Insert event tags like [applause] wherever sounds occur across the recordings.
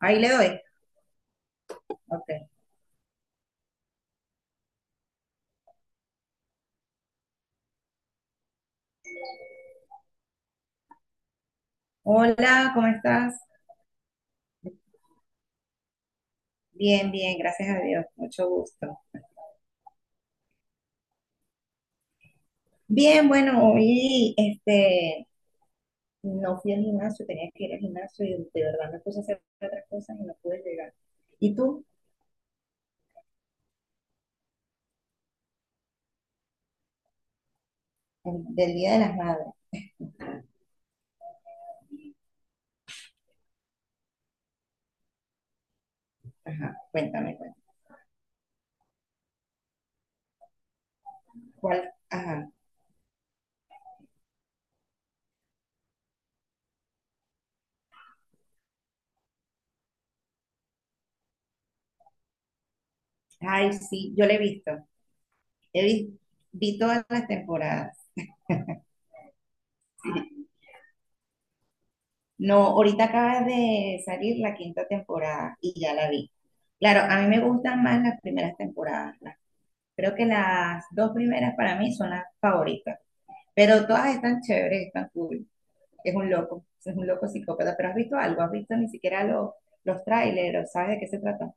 Ahí le doy. Ok. Hola, ¿cómo estás? Bien, bien, gracias a Dios. Mucho gusto. Bien, bueno, hoy no fui al gimnasio, tenía que ir al gimnasio y de verdad me puse a hacer otras cosas y no pude llegar. ¿Y tú? Del Día de las Madres. Ajá, cuéntame, cuéntame. ¿Cuál? Ajá. Ay, sí, yo la he visto. He vi, vi todas las temporadas. Sí. No, ahorita acaba de salir la quinta temporada y ya la vi. Claro, a mí me gustan más las primeras temporadas. Creo que las dos primeras para mí son las favoritas, pero todas están chéveres, están cool. Es un loco psicópata, pero has visto algo, has visto ni siquiera los trailers, ¿sabes de qué se trata?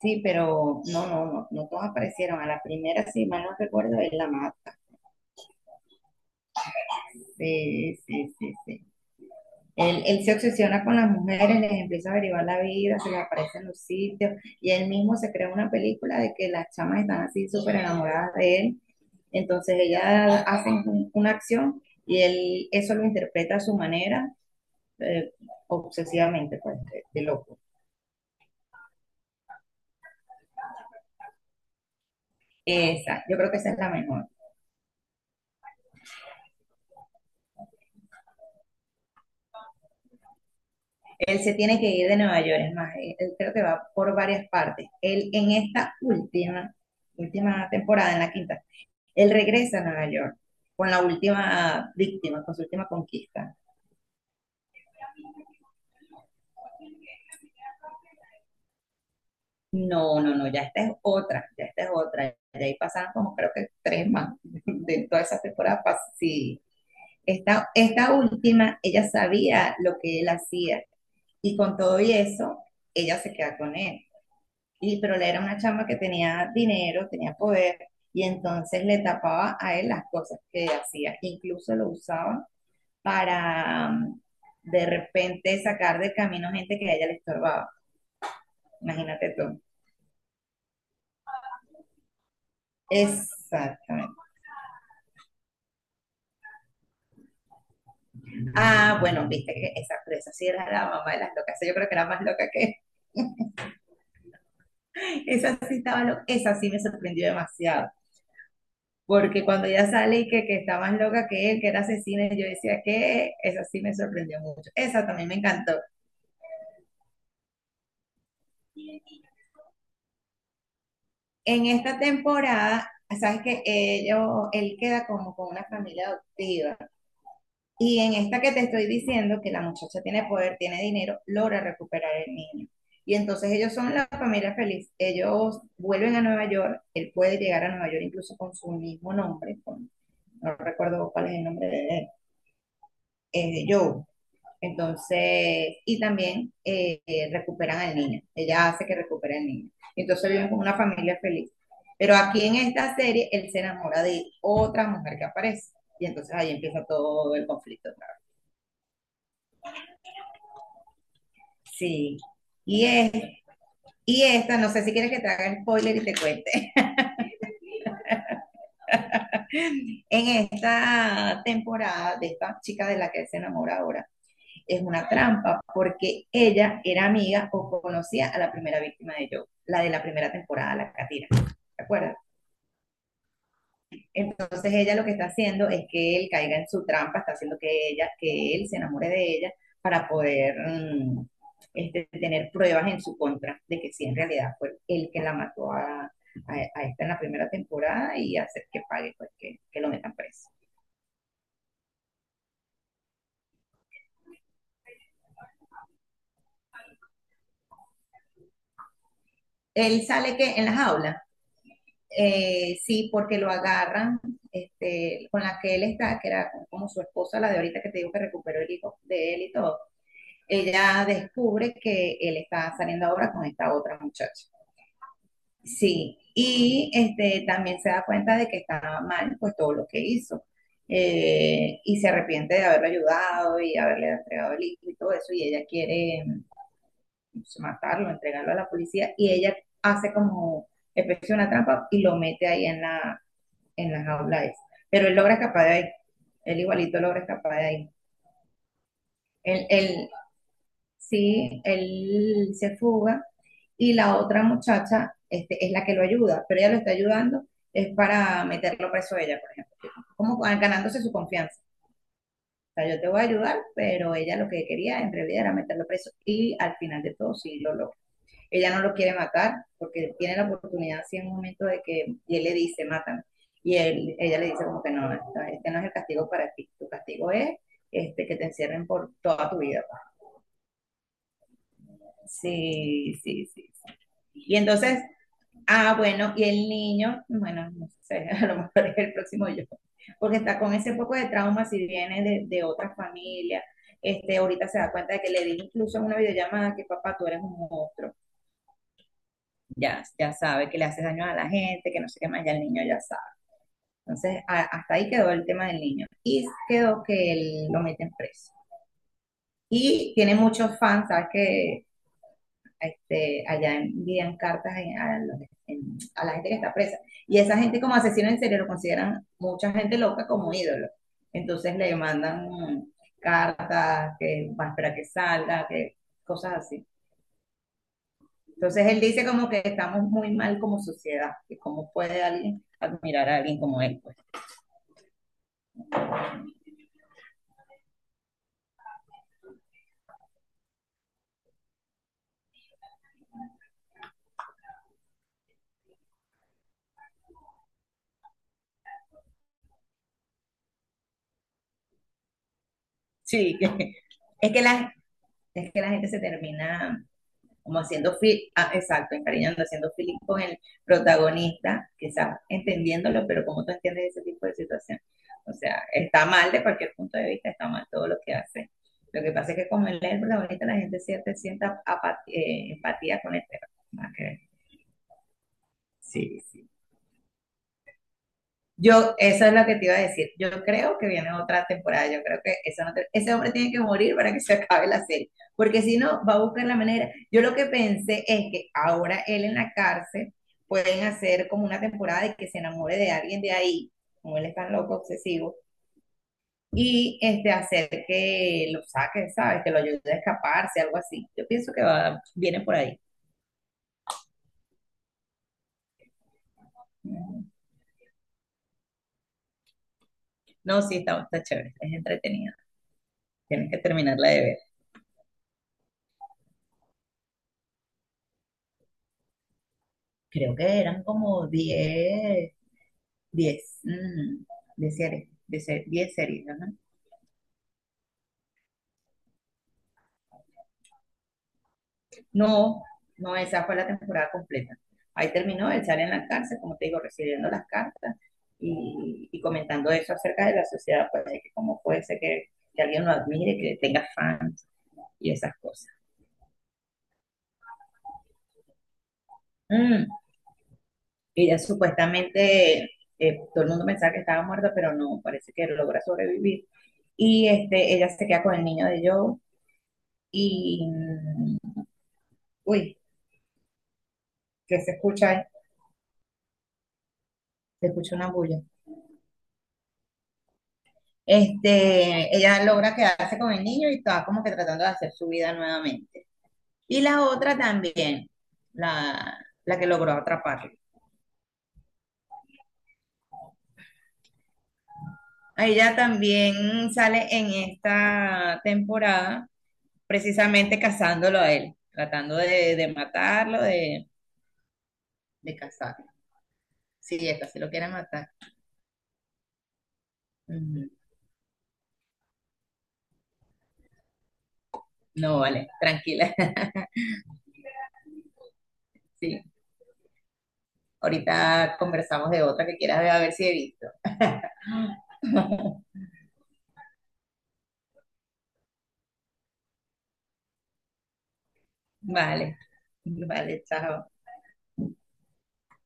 Sí, pero no, no, no, no todas aparecieron. A la primera, si mal no recuerdo, es la más. Sí, sí, sí, sí. Él se obsesiona con las mujeres, les empieza a averiguar la vida, se les aparece en los sitios, y él mismo se crea una película de que las chamas están así súper enamoradas de él. Entonces ellas hacen una acción y él eso lo interpreta a su manera, eh, obsesivamente, pues, de loco. Esa, yo creo que esa es la mejor. Él se tiene que ir de Nueva York, es más, él creo que va por varias partes. Él en esta última temporada, en la quinta, él regresa a Nueva York con la última víctima, con su última conquista. No, no, no, ya esta es otra, ya esta es otra. Ya ahí pasaron como creo que tres más [laughs] de toda esa temporada. Sí, esta, esta última ella sabía lo que él hacía y con todo y eso, ella se queda con él. Pero le era una chama que tenía dinero, tenía poder y entonces le tapaba a él las cosas que hacía. Incluso lo usaban para de repente sacar de camino gente que a ella le estorbaba. Imagínate tú. Exactamente. Ah, bueno, viste que esa, pero esa sí era la mamá de las locas. Esa, yo creo que era más loca que [laughs] esa sí estaba loca. Esa sí me sorprendió demasiado. Porque cuando ella sale y que está más loca que él, que era asesina, yo decía que esa sí me sorprendió mucho. Esa también me encantó. En esta temporada, sabes que ellos, él queda como con una familia adoptiva. Y en esta que te estoy diciendo, que la muchacha tiene poder, tiene dinero, logra recuperar el niño. Y entonces ellos son la familia feliz. Ellos vuelven a Nueva York, él puede llegar a Nueva York incluso con su mismo nombre, con, no recuerdo cuál es el nombre de él, Joe. Entonces, y también recuperan al niño. Ella hace que recupere al niño. Entonces viven como una familia feliz. Pero aquí en esta serie, él se enamora de otra mujer que aparece. Y entonces ahí empieza todo el conflicto. Sí. Y, es, y esta, no sé si quieres que te haga el spoiler y te cuente. [laughs] En esta temporada de esta chica de la que él se enamora ahora, es una trampa porque ella era amiga o conocía a la primera víctima de Joe, la de la primera temporada, la Katira. ¿Te acuerdas? Entonces ella lo que está haciendo es que él caiga en su trampa, está haciendo que ella, que él se enamore de ella para poder tener pruebas en su contra de que sí en realidad fue él que la mató a esta en la primera temporada y hacer que pague, pues que lo metan preso. Él sale que en la jaula, sí, porque lo agarran con la que él está, que era como su esposa, la de ahorita que te digo que recuperó el hijo de él y todo. Ella descubre que él está saliendo ahora con esta otra muchacha. Sí, y también se da cuenta de que estaba mal pues todo lo que hizo. Y se arrepiente de haberlo ayudado y haberle entregado el hijo y todo eso, y ella quiere, pues, matarlo, entregarlo a la policía, y ella hace como especie de una trampa y lo mete ahí en en la jaula esa. Pero él logra escapar de ahí, él igualito logra escapar de ahí. Él sí, él se fuga y la otra muchacha es la que lo ayuda, pero ella lo está ayudando es para meterlo preso a ella, por ejemplo, como ah, ganándose su confianza. O sea, yo te voy a ayudar, pero ella lo que quería en realidad era meterlo preso y al final de todo sí lo logra. Ella no lo quiere matar porque tiene la oportunidad así en un momento de que, y él le dice, mátame. Ella le dice como que no, no, no, este no es el castigo para ti, tu castigo es que te encierren por toda tu vida. Sí, sí, sí. Sí. Y entonces, ah, bueno, y el niño, bueno, no sé, [laughs] a lo mejor es el próximo yo, porque está con ese poco de trauma si viene de otra familia. Ahorita se da cuenta de que le dije incluso en una videollamada que papá, tú eres un monstruo. Ya, ya sabe que le haces daño a la gente, que no sé qué más, ya el niño ya sabe. Entonces, hasta ahí quedó el tema del niño. Y quedó que él lo meten preso. Y tiene muchos fans, ¿sabes? Que allá envían cartas a la gente que está presa. Y esa gente, como asesino en serie, lo consideran mucha gente loca como ídolo. Entonces le mandan cartas, que va a esperar que salga, que cosas así. Entonces él dice como que estamos muy mal como sociedad, que cómo puede alguien admirar a alguien como él, pues. Sí, es que la, es que la gente se termina como haciendo feeling, ah, exacto, encariñando, haciendo feeling con el protagonista, quizás entendiéndolo, pero ¿cómo tú entiendes ese tipo de situación? O sea, está mal de cualquier punto de vista, está mal todo lo que hace. Lo que pasa es que como él es el protagonista, la gente siente, sienta apatía, empatía con el perro. Sí, sí. Yo, esa es lo que te iba a decir. Yo creo que viene otra temporada. Yo creo que eso no te- ese hombre tiene que morir para que se acabe la serie. Porque si no, va a buscar la manera. Yo lo que pensé es que ahora él en la cárcel pueden hacer como una temporada de que se enamore de alguien de ahí, como él es tan loco, obsesivo, y hacer que lo saque, ¿sabes? Que lo ayude a escaparse, algo así. Yo pienso que va, viene por ahí. Ujú. No, sí, está, está chévere. Es entretenida. Tienes que terminarla de ver. Creo que eran como 10 mm, 10 series. 10 series, ajá. No, no, esa fue la temporada completa. Ahí terminó, él sale en la cárcel, como te digo, recibiendo las cartas y comentando eso acerca de la sociedad, pues, de que cómo puede ser que alguien lo admire, que tenga fans y esas cosas. Mm, ella supuestamente, todo el mundo pensaba que estaba muerta, pero no, parece que logra sobrevivir. Y ella se queda con el niño de Joe y, uy, ¿que se escucha ahí? Se escucha una bulla. Ella logra quedarse con el niño y está como que tratando de hacer su vida nuevamente. Y la otra también, la, la que logró atraparlo. A ella también sale en esta temporada, precisamente cazándolo a él, tratando de matarlo, de cazarlo. Sí, esta sí lo quiere matar. Ujú. No, vale, tranquila. [laughs] Sí, ahorita conversamos de otra que quieras ver, a ver si he visto. [laughs] Vale, vale, chao.